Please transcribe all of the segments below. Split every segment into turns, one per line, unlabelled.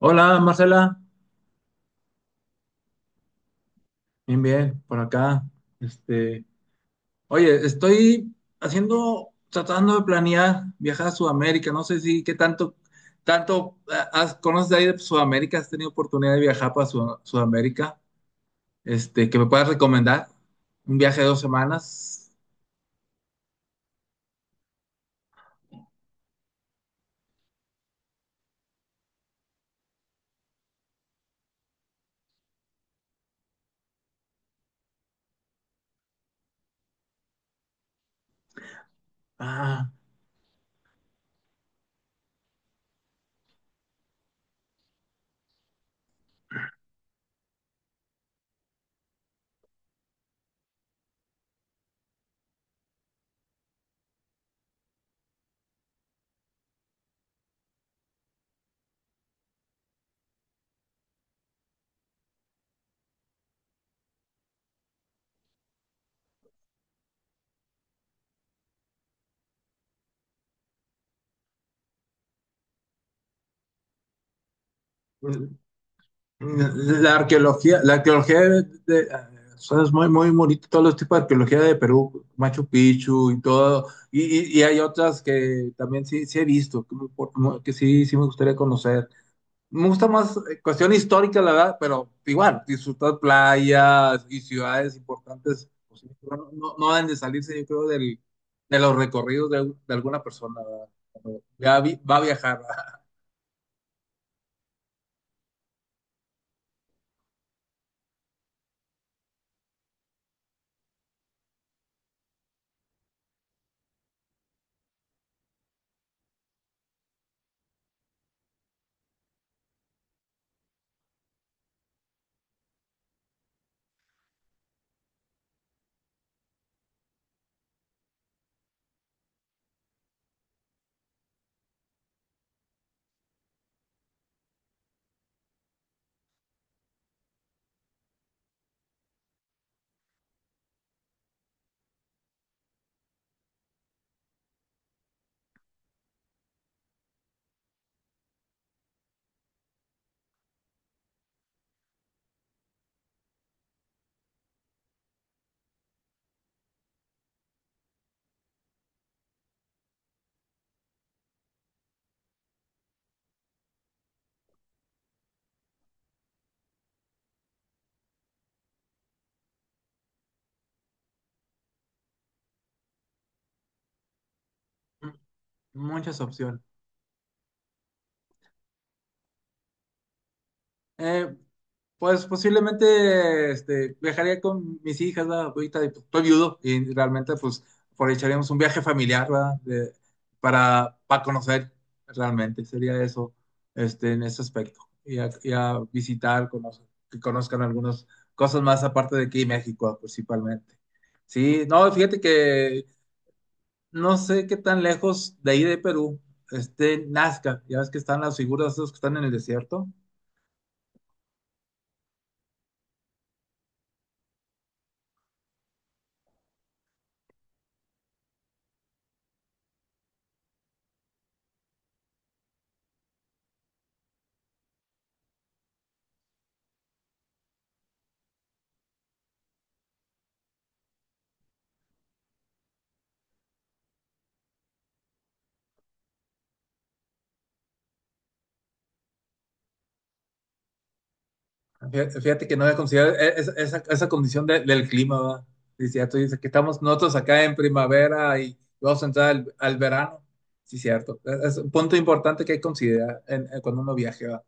Hola Marcela, bien, bien, por acá. Este, oye, estoy haciendo, tratando de planear viajar a Sudamérica. No sé si qué tanto, tanto conoces de ahí de Sudamérica, has tenido oportunidad de viajar para Sudamérica. Este, que me puedas recomendar un viaje de 2 semanas. Ah. Mm. La arqueología de. O sea, es muy, muy bonito, todos los tipos de arqueología de Perú, Machu Picchu y todo, y hay otras que también sí he visto, que sí me gustaría conocer. Me gusta más cuestión histórica, la verdad, pero igual, disfrutar playas y ciudades importantes, pues, no, no, no deben de salirse, yo creo, de los recorridos de alguna persona, ¿verdad? Cuando ya va a viajar, ¿verdad? Muchas opciones. Eh, pues posiblemente este, viajaría con mis hijas, ¿verdad? Ahorita y, pues, estoy viudo y realmente pues aprovecharíamos un viaje familiar, ¿verdad? Para conocer realmente, sería eso este, en ese aspecto. Y a visitar, conocer, que conozcan algunas cosas más aparte de aquí en México principalmente. Sí, no, fíjate que no sé qué tan lejos de ahí de Perú esté Nazca, ya ves que están las figuras esas que están en el desierto. Fíjate que no había considerado esa condición del clima, ¿va? Sí, cierto, dice que estamos nosotros acá en primavera y vamos a entrar al verano. Sí, cierto. Es un punto importante que hay que considerar en cuando uno viaje, ¿va?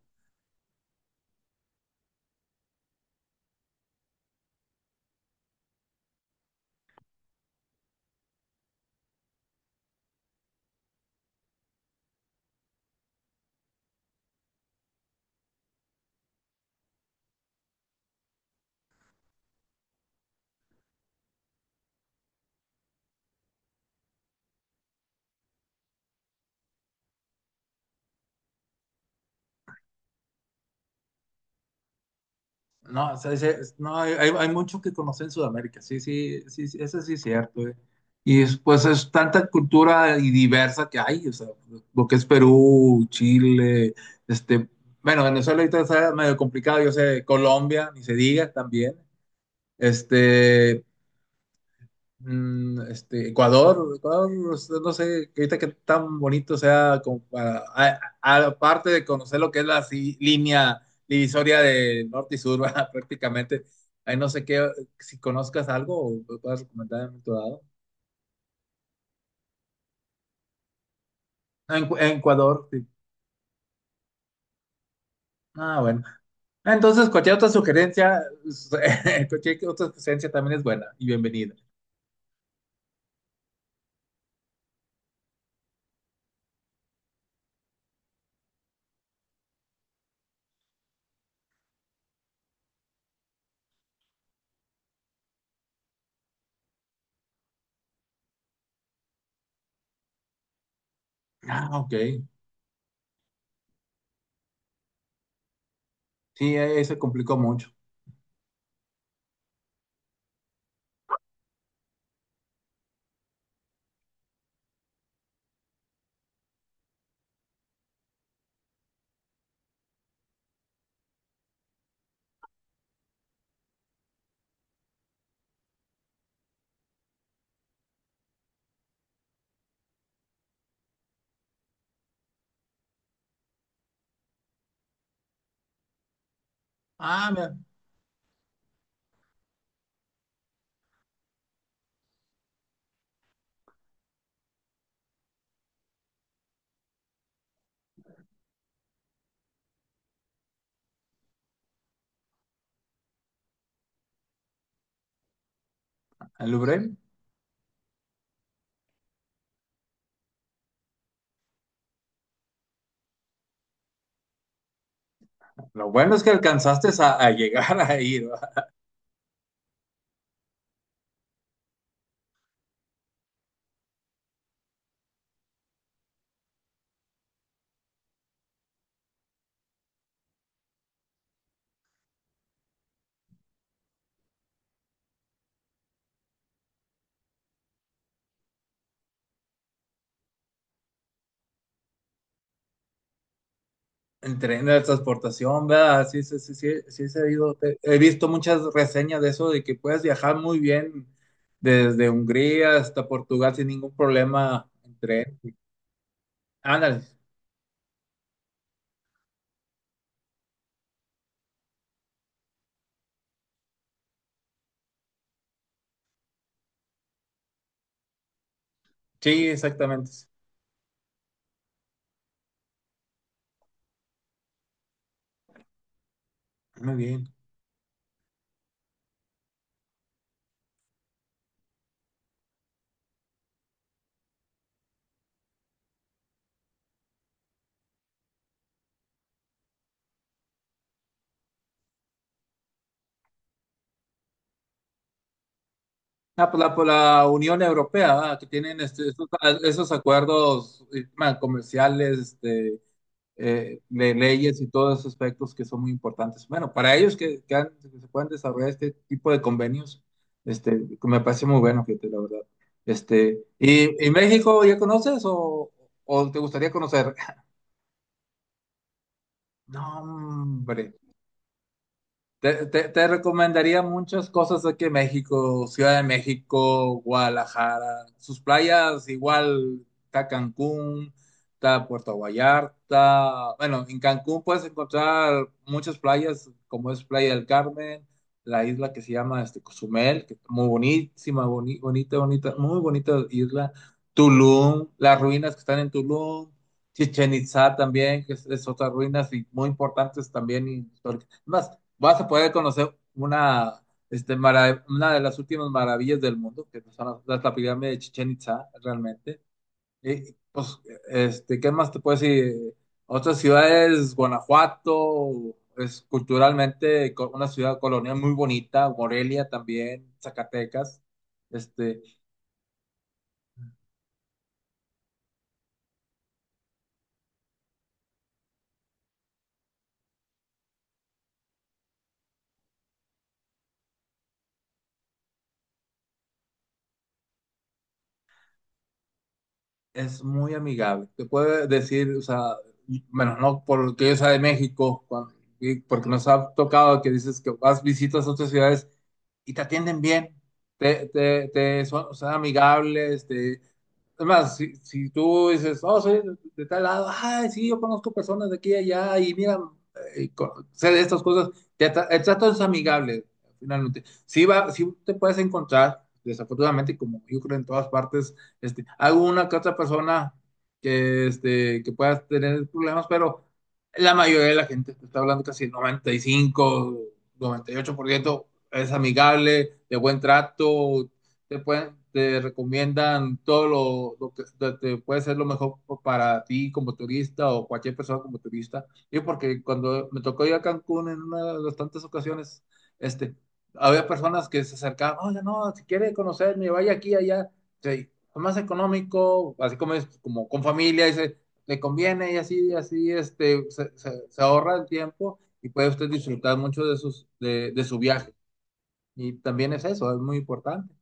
No, o sea, dice, no, hay, hay mucho que conocer en Sudamérica, sí, sí, sí, sí, eso sí es cierto, ¿eh? Y pues es tanta cultura y diversa que hay, o sea, lo que es Perú, Chile, este, bueno, Venezuela ahorita está medio complicado, yo sé, Colombia, ni se diga también. Este, mm, este, Ecuador, o sea, no sé, que ahorita que tan bonito sea, como aparte de conocer lo que es la línea divisoria de norte y sur, ¿verdad? Prácticamente, ahí no sé qué, si conozcas algo o me puedas recomendar en tu lado. Ah. En Ecuador, sí. Ah, bueno. Ah, entonces, cualquier otra sugerencia, cualquier otra sugerencia también es buena y bienvenida. Ah, ok. Sí, ahí se complicó mucho. Ah, mira, el Louvre. Lo bueno es que alcanzaste a llegar a ir, ¿verdad? En tren de transportación, ¿verdad? Sí, sí, sí, sí, sí, se ha ido. He visto muchas reseñas de eso, de que puedes viajar muy bien desde Hungría hasta Portugal sin ningún problema en tren. Ándale, sí, exactamente. Muy bien. Ah, por la Unión Europea, ¿verdad? Que tienen este, esos acuerdos bueno, comerciales, este, de leyes y todos esos aspectos que son muy importantes. Bueno, para ellos que, que se puedan desarrollar este tipo de convenios, este, que me parece muy bueno, fíjate, la verdad. Este, ¿y México ya conoces o te gustaría conocer? No, hombre. Te recomendaría muchas cosas aquí en México, Ciudad de México, Guadalajara, sus playas igual, está Cancún, está Puerto Vallarta. Bueno, en Cancún puedes encontrar muchas playas, como es Playa del Carmen, la isla que se llama este, Cozumel, que es muy bonísima, bonita, muy bonita isla. Tulum, las ruinas que están en Tulum, Chichen Itzá también, que es otras ruinas y muy importantes también, históricas. Más, vas a poder conocer una de las últimas maravillas del mundo, que son la pirámide de Chichén Itzá, realmente. Y, pues, este, ¿qué más te puedo decir? Otras ciudades, Guanajuato, es culturalmente una ciudad colonial muy bonita, Morelia también, Zacatecas. Este, es muy amigable. Te puede decir, o sea, bueno, no por lo que yo sea de México, y porque nos ha tocado que dices que vas, visitas otras ciudades y te atienden bien, te son amigables, es más, si tú dices, oh, soy de tal lado, ay, sí, yo conozco personas de aquí y allá, y mira, sé de estas cosas, el trato es amigable, finalmente. Sí, va, sí te puedes encontrar, desafortunadamente, como yo creo en todas partes, este, alguna que otra persona que pueda tener problemas, pero la mayoría de la gente, te está hablando casi el 95, 98%, es amigable, de buen trato, te recomiendan todo lo que te puede ser lo mejor para ti como turista o cualquier persona como turista. Yo porque cuando me tocó ir a Cancún en una de las tantas ocasiones, este, había personas que se acercaban, oye, no, si quiere conocerme, vaya aquí, allá. Sí, más económico, así como es, como con familia, dice, le conviene y así, así, este, se ahorra el tiempo y puede usted disfrutar mucho de su viaje. Y también es eso, es muy importante.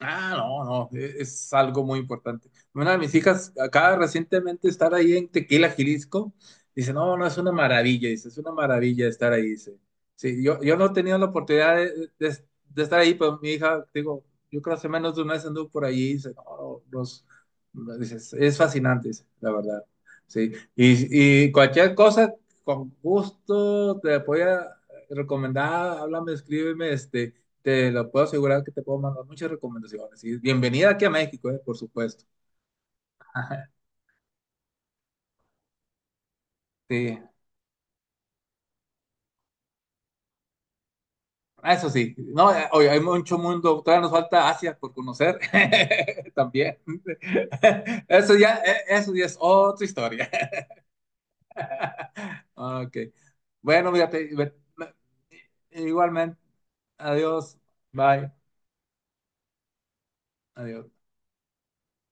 Ah, no, no, es, algo muy importante. Una de mis hijas acaba recientemente de estar ahí en Tequila, Jalisco. Dice, no, no, es una maravilla, dice, es una maravilla estar ahí, dice. Sí, yo no he tenido la oportunidad de estar ahí, pero mi hija, digo, yo creo hace menos de una vez anduvo por allí, dice, no, no, los, dice, es fascinante, dice, la verdad. Sí, y cualquier cosa, con gusto, te voy a recomendar, háblame, escríbeme, este. Te lo puedo asegurar que te puedo mandar muchas recomendaciones. Y bienvenida aquí a México, por supuesto. Ajá, sí, eso sí. No, oye, hay mucho mundo. Todavía nos falta Asia por conocer. También. Eso ya es otra historia. Ok. Bueno, fíjate, igualmente. Adiós. Bye. Adiós.